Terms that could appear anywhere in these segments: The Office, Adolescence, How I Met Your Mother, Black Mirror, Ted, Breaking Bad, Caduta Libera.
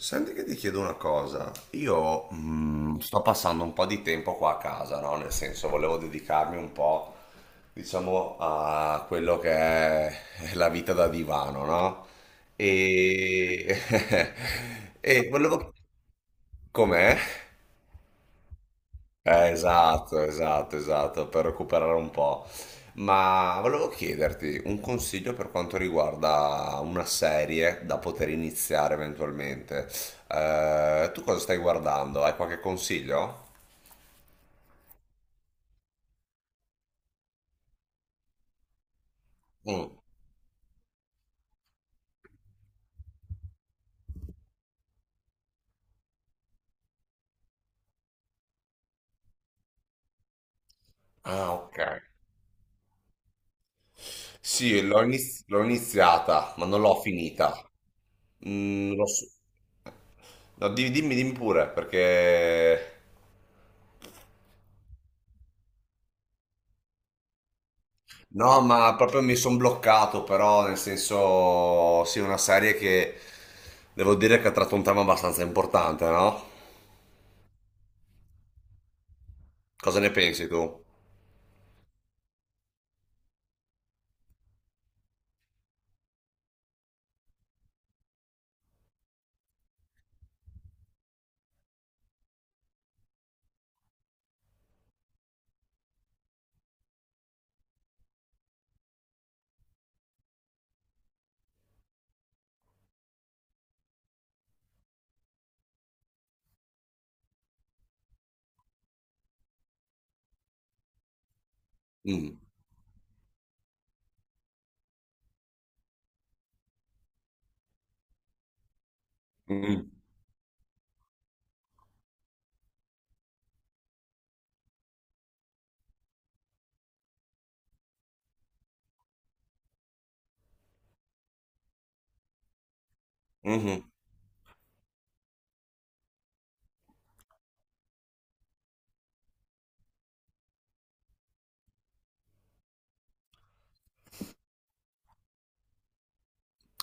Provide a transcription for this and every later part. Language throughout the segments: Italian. Senti che ti chiedo una cosa, io sto passando un po' di tempo qua a casa, no? Nel senso volevo dedicarmi un po', diciamo, a quello che è la vita da divano, no? E, e volevo. Com'è? Esatto, esatto, esatto, per recuperare un po'. Ma volevo chiederti un consiglio per quanto riguarda una serie da poter iniziare eventualmente. Tu cosa stai guardando? Hai qualche consiglio? Mm. Ah, ok. Sì, l'ho iniziata, ma non l'ho finita. L'ho su- No, dimmi, dimmi pure, perché. No, ma proprio mi sono bloccato, però nel senso, sì, una serie che devo dire che ha tratto un tema abbastanza importante, no? Cosa ne pensi tu? Mm, mm, mhm.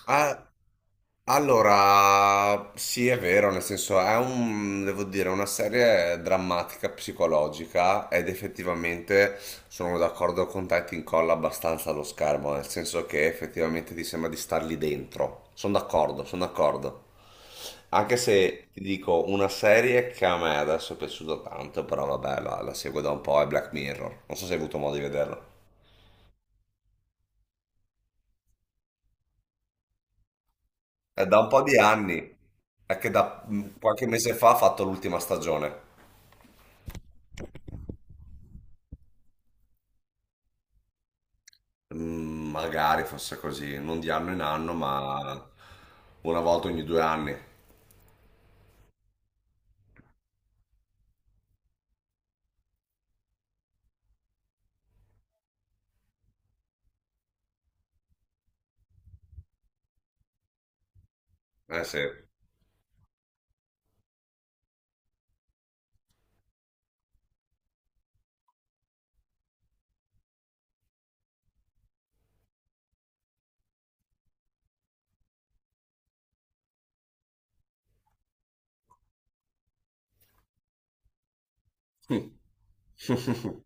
Eh, Allora, sì, è vero, nel senso è un, devo dire, una serie drammatica, psicologica ed effettivamente sono d'accordo con te, ti incolla abbastanza allo schermo, nel senso che effettivamente ti sembra di star lì dentro. Sono d'accordo, sono d'accordo. Anche se ti dico una serie che a me adesso è piaciuta tanto, però vabbè, la seguo da un po', è Black Mirror. Non so se hai avuto modo di vederla. È da un po' di anni, è che da qualche mese fa ha fatto l'ultima stagione. Magari fosse così, non di anno in anno, ma una volta ogni 2 anni. Eh sì.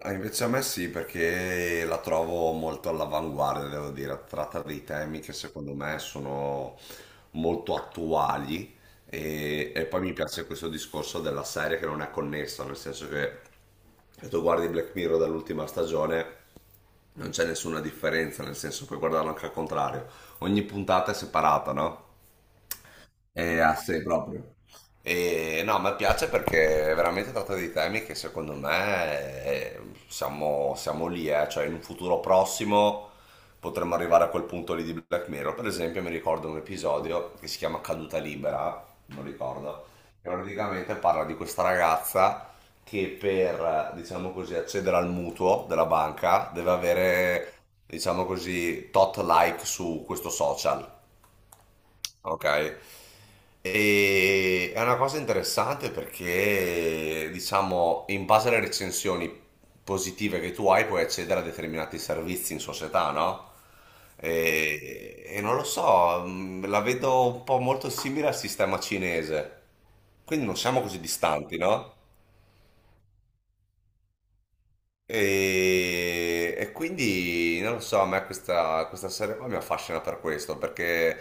Ah, invece a me sì, perché la trovo molto all'avanguardia, devo dire. Tratta dei temi che secondo me sono molto attuali e poi mi piace questo discorso della serie che non è connessa, nel senso che se tu guardi Black Mirror dall'ultima stagione non c'è nessuna differenza, nel senso puoi guardarlo anche al contrario. Ogni puntata è separata, no? È a sé proprio. E no, mi piace perché veramente tratta dei temi che secondo me siamo lì, eh. Cioè in un futuro prossimo potremmo arrivare a quel punto lì di Black Mirror. Per esempio mi ricordo un episodio che si chiama Caduta Libera, non ricordo, che praticamente parla di questa ragazza che per, diciamo così, accedere al mutuo della banca deve avere, diciamo così, tot like su questo social. Ok. È una cosa interessante perché, diciamo, in base alle recensioni positive che tu hai, puoi accedere a determinati servizi in società, no? E non lo so, la vedo un po' molto simile al sistema cinese. Quindi non siamo così distanti, no? E quindi non lo so, a me questa, serie qua mi affascina per questo, perché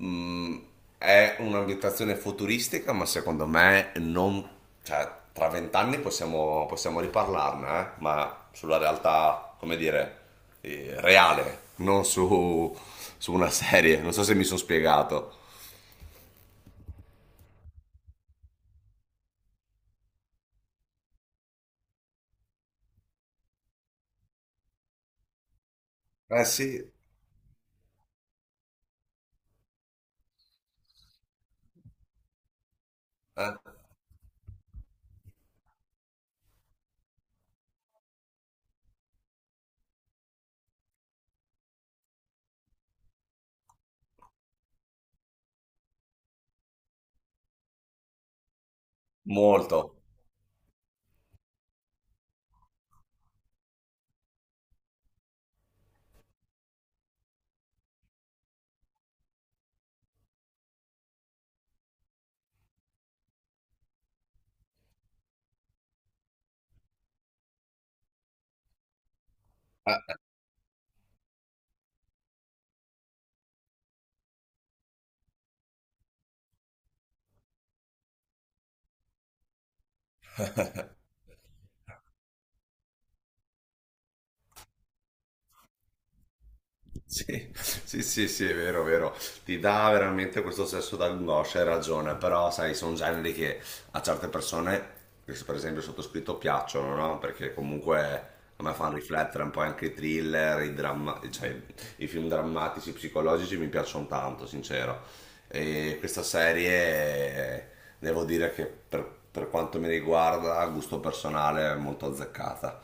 Mm, è un'ambientazione futuristica, ma secondo me non. Cioè, tra vent'anni possiamo riparlarne, eh? Ma sulla realtà, come dire, reale, non su una serie. Non so se mi sono spiegato. Eh sì, molto. Sì, sì, sì, sì, è vero, vero. Ti dà veramente questo senso d'angoscia, hai ragione, però sai, sono generi che a certe persone, che per esempio il sottoscritto, piacciono, no? Perché comunque a me fanno riflettere un po' anche i thriller, cioè, i film drammatici, psicologici mi piacciono tanto, sincero. E questa serie, devo dire che per quanto mi riguarda, a gusto personale, è molto azzeccata.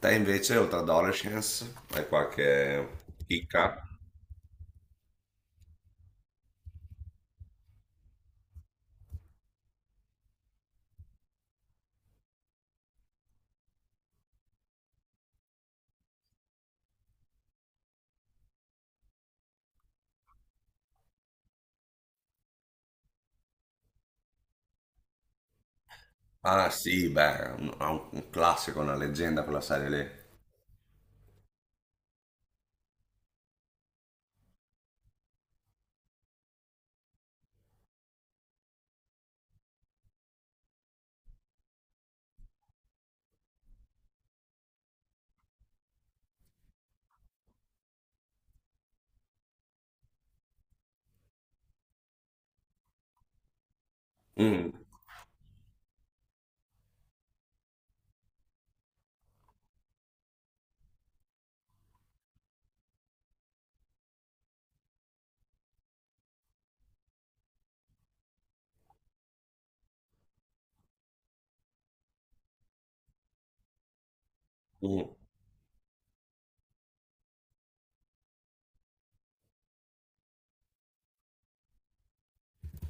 Te invece, oltre ad Adolescence, hai qualche chicca? Ah sì, beh, un classico, una leggenda quella serie lì. Mm, mm.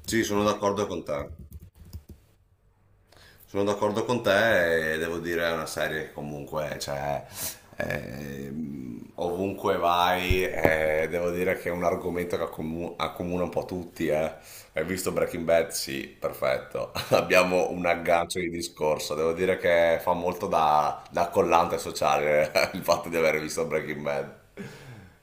Sì, sono d'accordo con te. Sono d'accordo con te e devo dire è una serie che comunque cioè, eh, ovunque vai devo dire che è un argomento che accomuna un po' tutti. Hai visto Breaking Bad? Sì, perfetto. Abbiamo un aggancio di discorso. Devo dire che fa molto da collante sociale il fatto di aver visto Breaking Bad.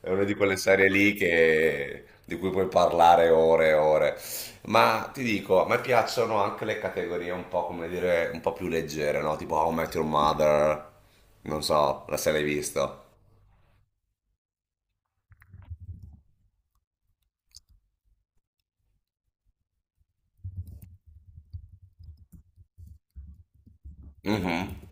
È una di quelle serie lì di cui puoi parlare ore e ore. Ma ti dico, a me piacciono anche le categorie un po', come dire, un po' più leggere, no? Tipo How I Met Your Mother, non so, la se l'hai visto. Mhm.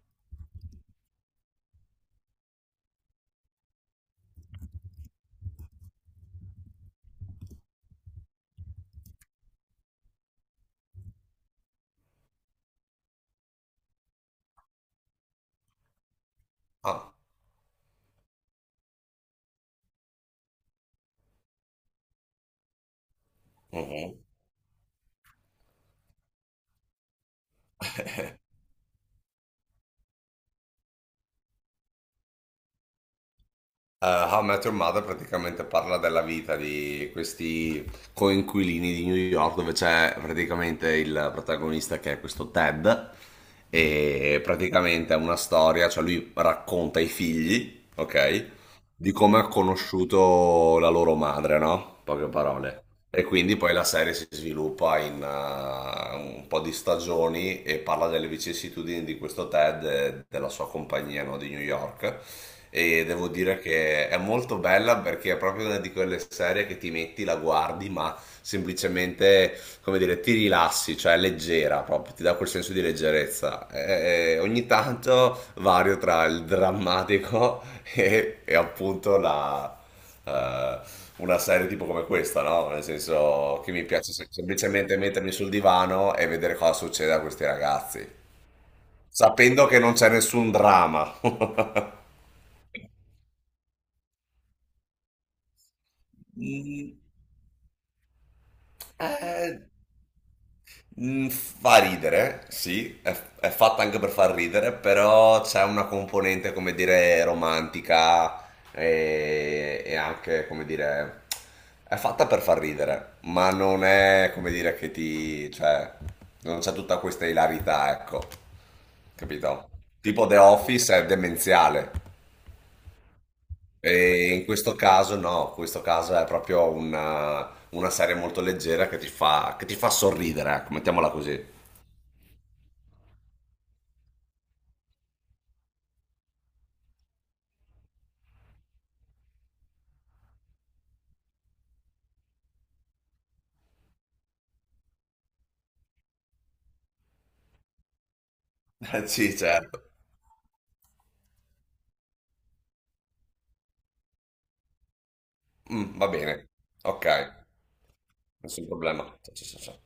Ah, mhm. How I Met Your Mother praticamente parla della vita di questi coinquilini di New York, dove c'è praticamente il protagonista che è questo Ted, e praticamente è una storia, cioè lui racconta ai figli, ok? Di come ha conosciuto la loro madre, no? In poche parole. E quindi poi la serie si sviluppa in un po' di stagioni e parla delle vicissitudini di questo Ted e della sua compagnia, no, di New York. E devo dire che è molto bella perché è proprio una di quelle serie che ti metti, la guardi, ma semplicemente, come dire, ti rilassi, cioè è leggera proprio, ti dà quel senso di leggerezza. E ogni tanto vario tra il drammatico e appunto la eh, una serie tipo come questa, no? Nel senso che mi piace semplicemente mettermi sul divano e vedere cosa succede a questi ragazzi, sapendo che non c'è nessun dramma. Mm, eh, Fa ridere, sì, è fatta anche per far ridere, però c'è una componente, come dire, romantica e anche, come dire, è fatta per far ridere, ma non è, come dire, cioè, non c'è tutta questa ilarità, ecco, capito? Tipo The Office è demenziale e in questo caso no, in questo caso è proprio una, serie molto leggera che ti fa sorridere, ecco, mettiamola così. Sì, certo. Mm, va bene. Ok, nessun problema. Sì, sì, sì, sì.